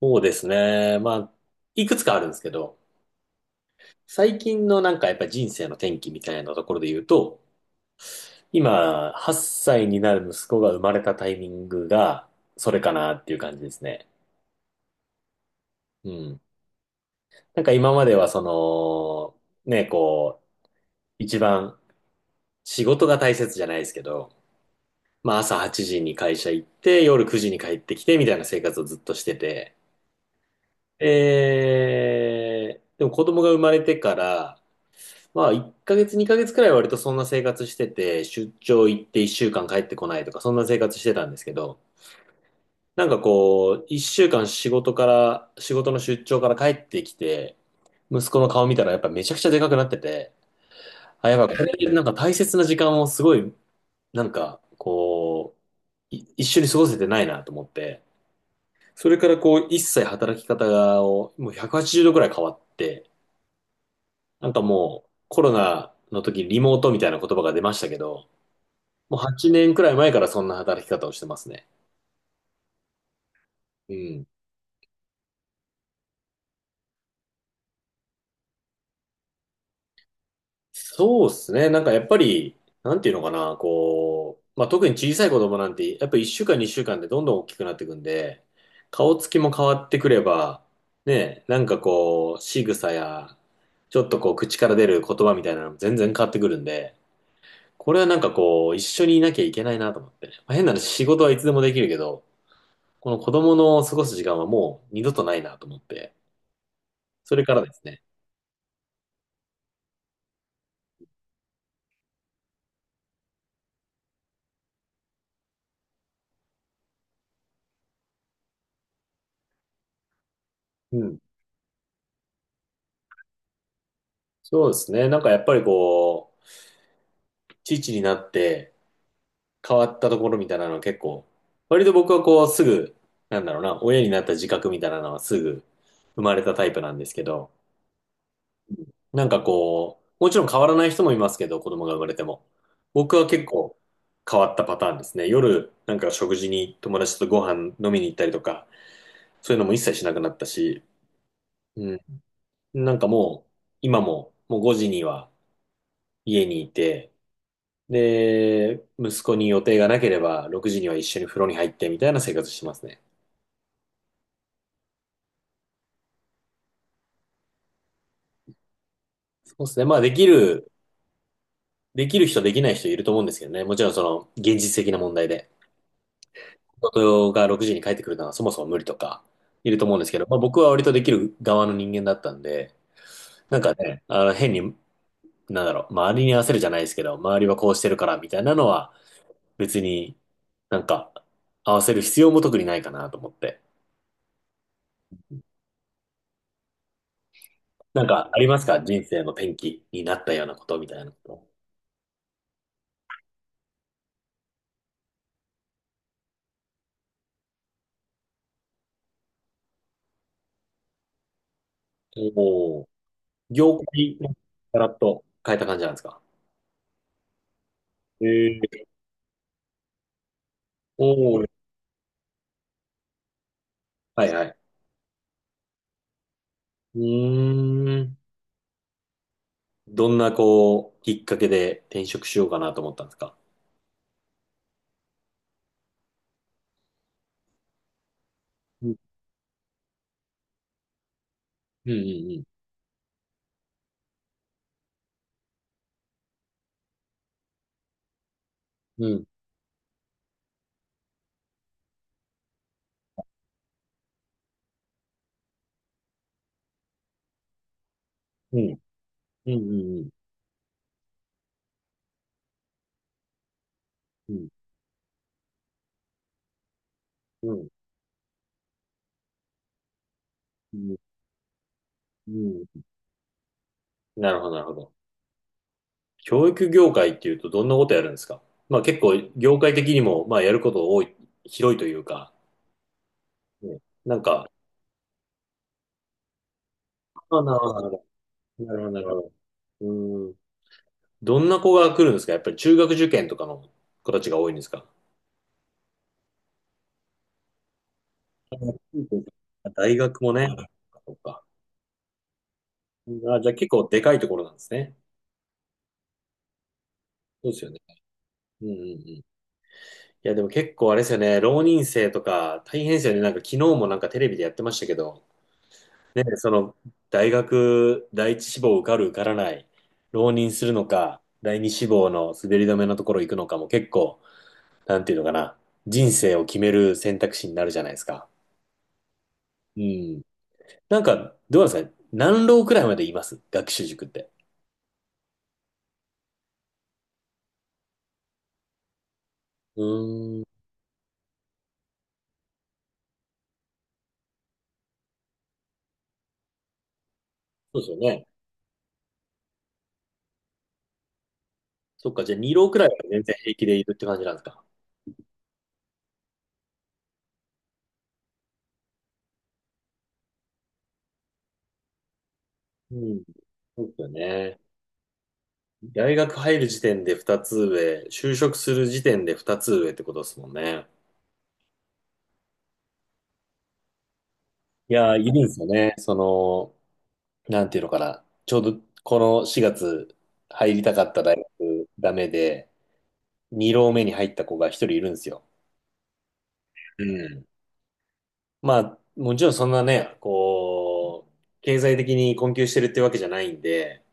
そうですね。まあ、いくつかあるんですけど、最近のなんかやっぱ人生の転機みたいなところで言うと、今、8歳になる息子が生まれたタイミングが、それかなっていう感じですね。うん。なんか今まではその、ね、こう、一番仕事が大切じゃないですけど、まあ朝8時に会社行って、夜9時に帰ってきてみたいな生活をずっとしてて、でも子供が生まれてから、まあ、1ヶ月、2ヶ月くらいは割とそんな生活してて、出張行って1週間帰ってこないとか、そんな生活してたんですけど、なんかこう、1週間仕事から、仕事の出張から帰ってきて、息子の顔見たらやっぱめちゃくちゃでかくなってて、あ、やっぱこれなんか大切な時間をすごい、なんかこう、一緒に過ごせてないなと思って、それからこう、一切働き方がをもう180度くはちじゅうどくらい変わって、なんかもうコロナの時リモートみたいな言葉が出ましたけど、もう8年くらい前からそんな働き方をしてますね。うん。そうですね。なんかやっぱり、なんていうのかな、こう、まあ、特に小さい子供なんて、やっぱ1週間、2週間でどんどん大きくなっていくんで、顔つきも変わってくれば、ね、なんかこう、仕草や、ちょっとこう、口から出る言葉みたいなのも全然変わってくるんで、これはなんかこう、一緒にいなきゃいけないなと思って。まあ、変な話、仕事はいつでもできるけど、この子供の過ごす時間はもう二度とないなと思って、それからですね。うん。そうですね。なんかやっぱりこう、父になって変わったところみたいなのは結構、割と僕はこうすぐ、なんだろうな、親になった自覚みたいなのはすぐ生まれたタイプなんですけど、なんかこう、もちろん変わらない人もいますけど、子供が生まれても。僕は結構変わったパターンですね。夜、なんか食事に友達とご飯飲みに行ったりとか、そういうのも一切しなくなったし、うん。なんかもう、今ももう5時には家にいて、で、息子に予定がなければ、6時には一緒に風呂に入ってみたいな生活してますね。そうですね。まあ、できる人、できない人いると思うんですけどね。もちろん、その、現実的な問題で。夫が6時に帰ってくるのはそもそも無理とか、いると思うんですけど、まあ、僕は割とできる側の人間だったんで、なんかね、変に、なんだろう、周りに合わせるじゃないですけど、周りはこうしてるから、みたいなのは、別になんか、合わせる必要も特にないかなと思って。なんか、ありますか人生の転機になったようなことみたいなこと？おお、業界のガラッと変えた感じなんですか？ええ。おお、はいはい。うーん。どんな、こう、きっかけで転職しようかなと思ったんですか？うん、うん、うん、うん、うん、うん、うん、うん、うん、うん、うん。なるほど、なるほど。教育業界っていうとどんなことやるんですか？まあ結構、業界的にも、まあやること多い、広いというか、ね。なんか、あ、なるほど、なるほど。なるほど、なるほど。うーん。どんな子が来るんですか？やっぱり中学受験とかの子たちが多いんですか？大学もね。そっか。あ、じゃあ結構でかいところなんですね。そうですよね。うんうんうん。いや、でも結構あれですよね。浪人生とか大変ですよね。なんか昨日もなんかテレビでやってましたけど、ね、その大学第一志望受かる受からない、浪人するのか、第二志望の滑り止めのところ行くのかも結構、なんていうのかな。人生を決める選択肢になるじゃないですか。うん。なんか、どうなんですか何浪くらいまでいます学習塾って？うーん、そうですよね。そっか、じゃあ2浪くらいは全然平気でいるって感じなんですか？うん、そうですよね。大学入る時点で2つ上、就職する時点で2つ上ってことですもんね。いやー、いるんですよね。その、なんていうのかな。ちょうどこの4月入りたかった大学ダメで、2浪目に入った子が1人いるんですよ。うん。まあ、もちろんそんなね、こう、経済的に困窮してるってわけじゃないんで、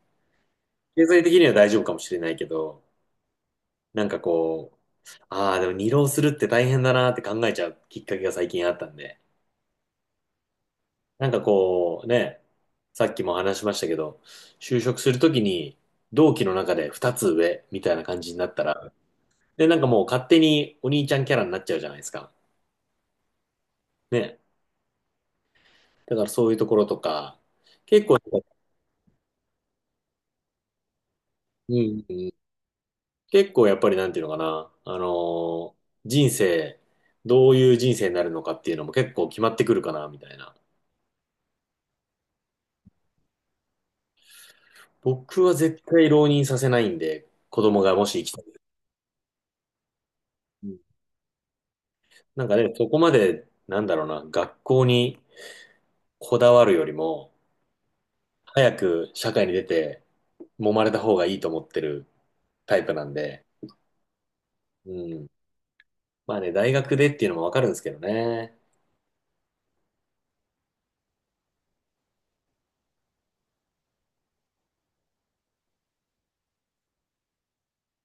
経済的には大丈夫かもしれないけど、なんかこう、ああ、でも二浪するって大変だなって考えちゃうきっかけが最近あったんで、なんかこう、ね、さっきも話しましたけど、就職するときに同期の中で二つ上みたいな感じになったら、で、なんかもう勝手にお兄ちゃんキャラになっちゃうじゃないですか。ね。だからそういうところとか、結構うん、うん結構やっぱりなんていうのかな、ー人生、どういう人生になるのかっていうのも結構決まってくるかな、みたいな。僕は絶対浪人させないんで、子供がもし生きたらうん、なんかね、そこまで、なんだろうな、学校にこだわるよりも、早く社会に出て、揉まれた方がいいと思ってるタイプなんで、うん。まあね、大学でっていうのもわかるんですけどね。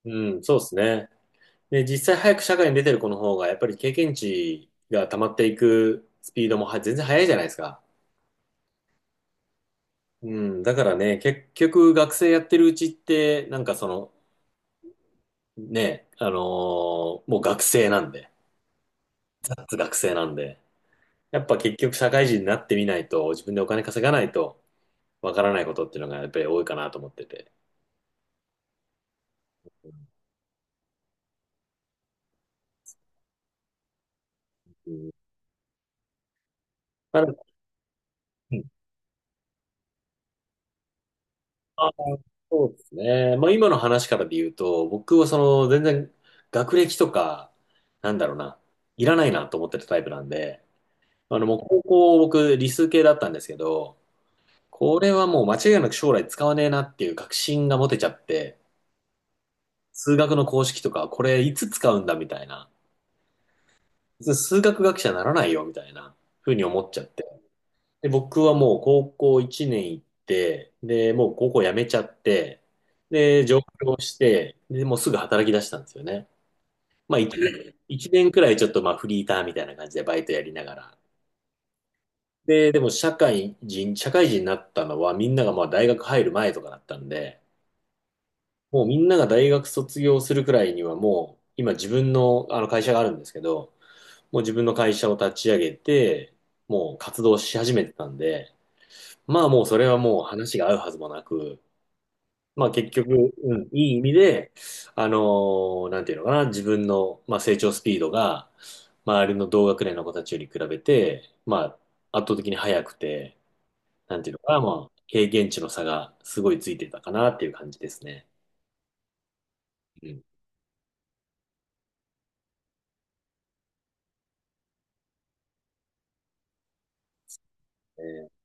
うん、そうですね。で、実際早く社会に出てる子の方が、やっぱり経験値が溜まっていくスピードもは全然早いじゃないですか。うん、だからね、結局学生やってるうちって、なんかその、ね、もう学生なんで、脱学生なんで、やっぱ結局社会人になってみないと、自分でお金稼がないと、わからないことっていうのがやっぱり多いかなと思ってて。うん、まだ、うん。そうですね。まあ今の話からで言うと、僕はその全然学歴とか、なんだろうな、いらないなと思ってたタイプなんで、もう高校僕理数系だったんですけど、これはもう間違いなく将来使わねえなっていう確信が持てちゃって、数学の公式とかこれいつ使うんだみたいな、数学学者にならないよみたいな風に思っちゃって、で、僕はもう高校1年行って、で、もう高校辞めちゃって、で、上京して、で、もうすぐ働き出したんですよね。まあ1年くらいちょっとまあフリーターみたいな感じでバイトやりながら。で、でも社会人になったのはみんながまあ大学入る前とかだったんで、もうみんなが大学卒業するくらいにはもう今自分のあの会社があるんですけど、もう自分の会社を立ち上げて、もう活動し始めてたんで、まあもうそれはもう話が合うはずもなく、まあ結局、うん、いい意味で、あのなんていうのかな、自分の、まあ、成長スピードが、周りの同学年の子たちより比べて、まあ圧倒的に速くて、なんていうのかな、まあ経験値の差がすごいついてたかなっていう感じですね。うん。えー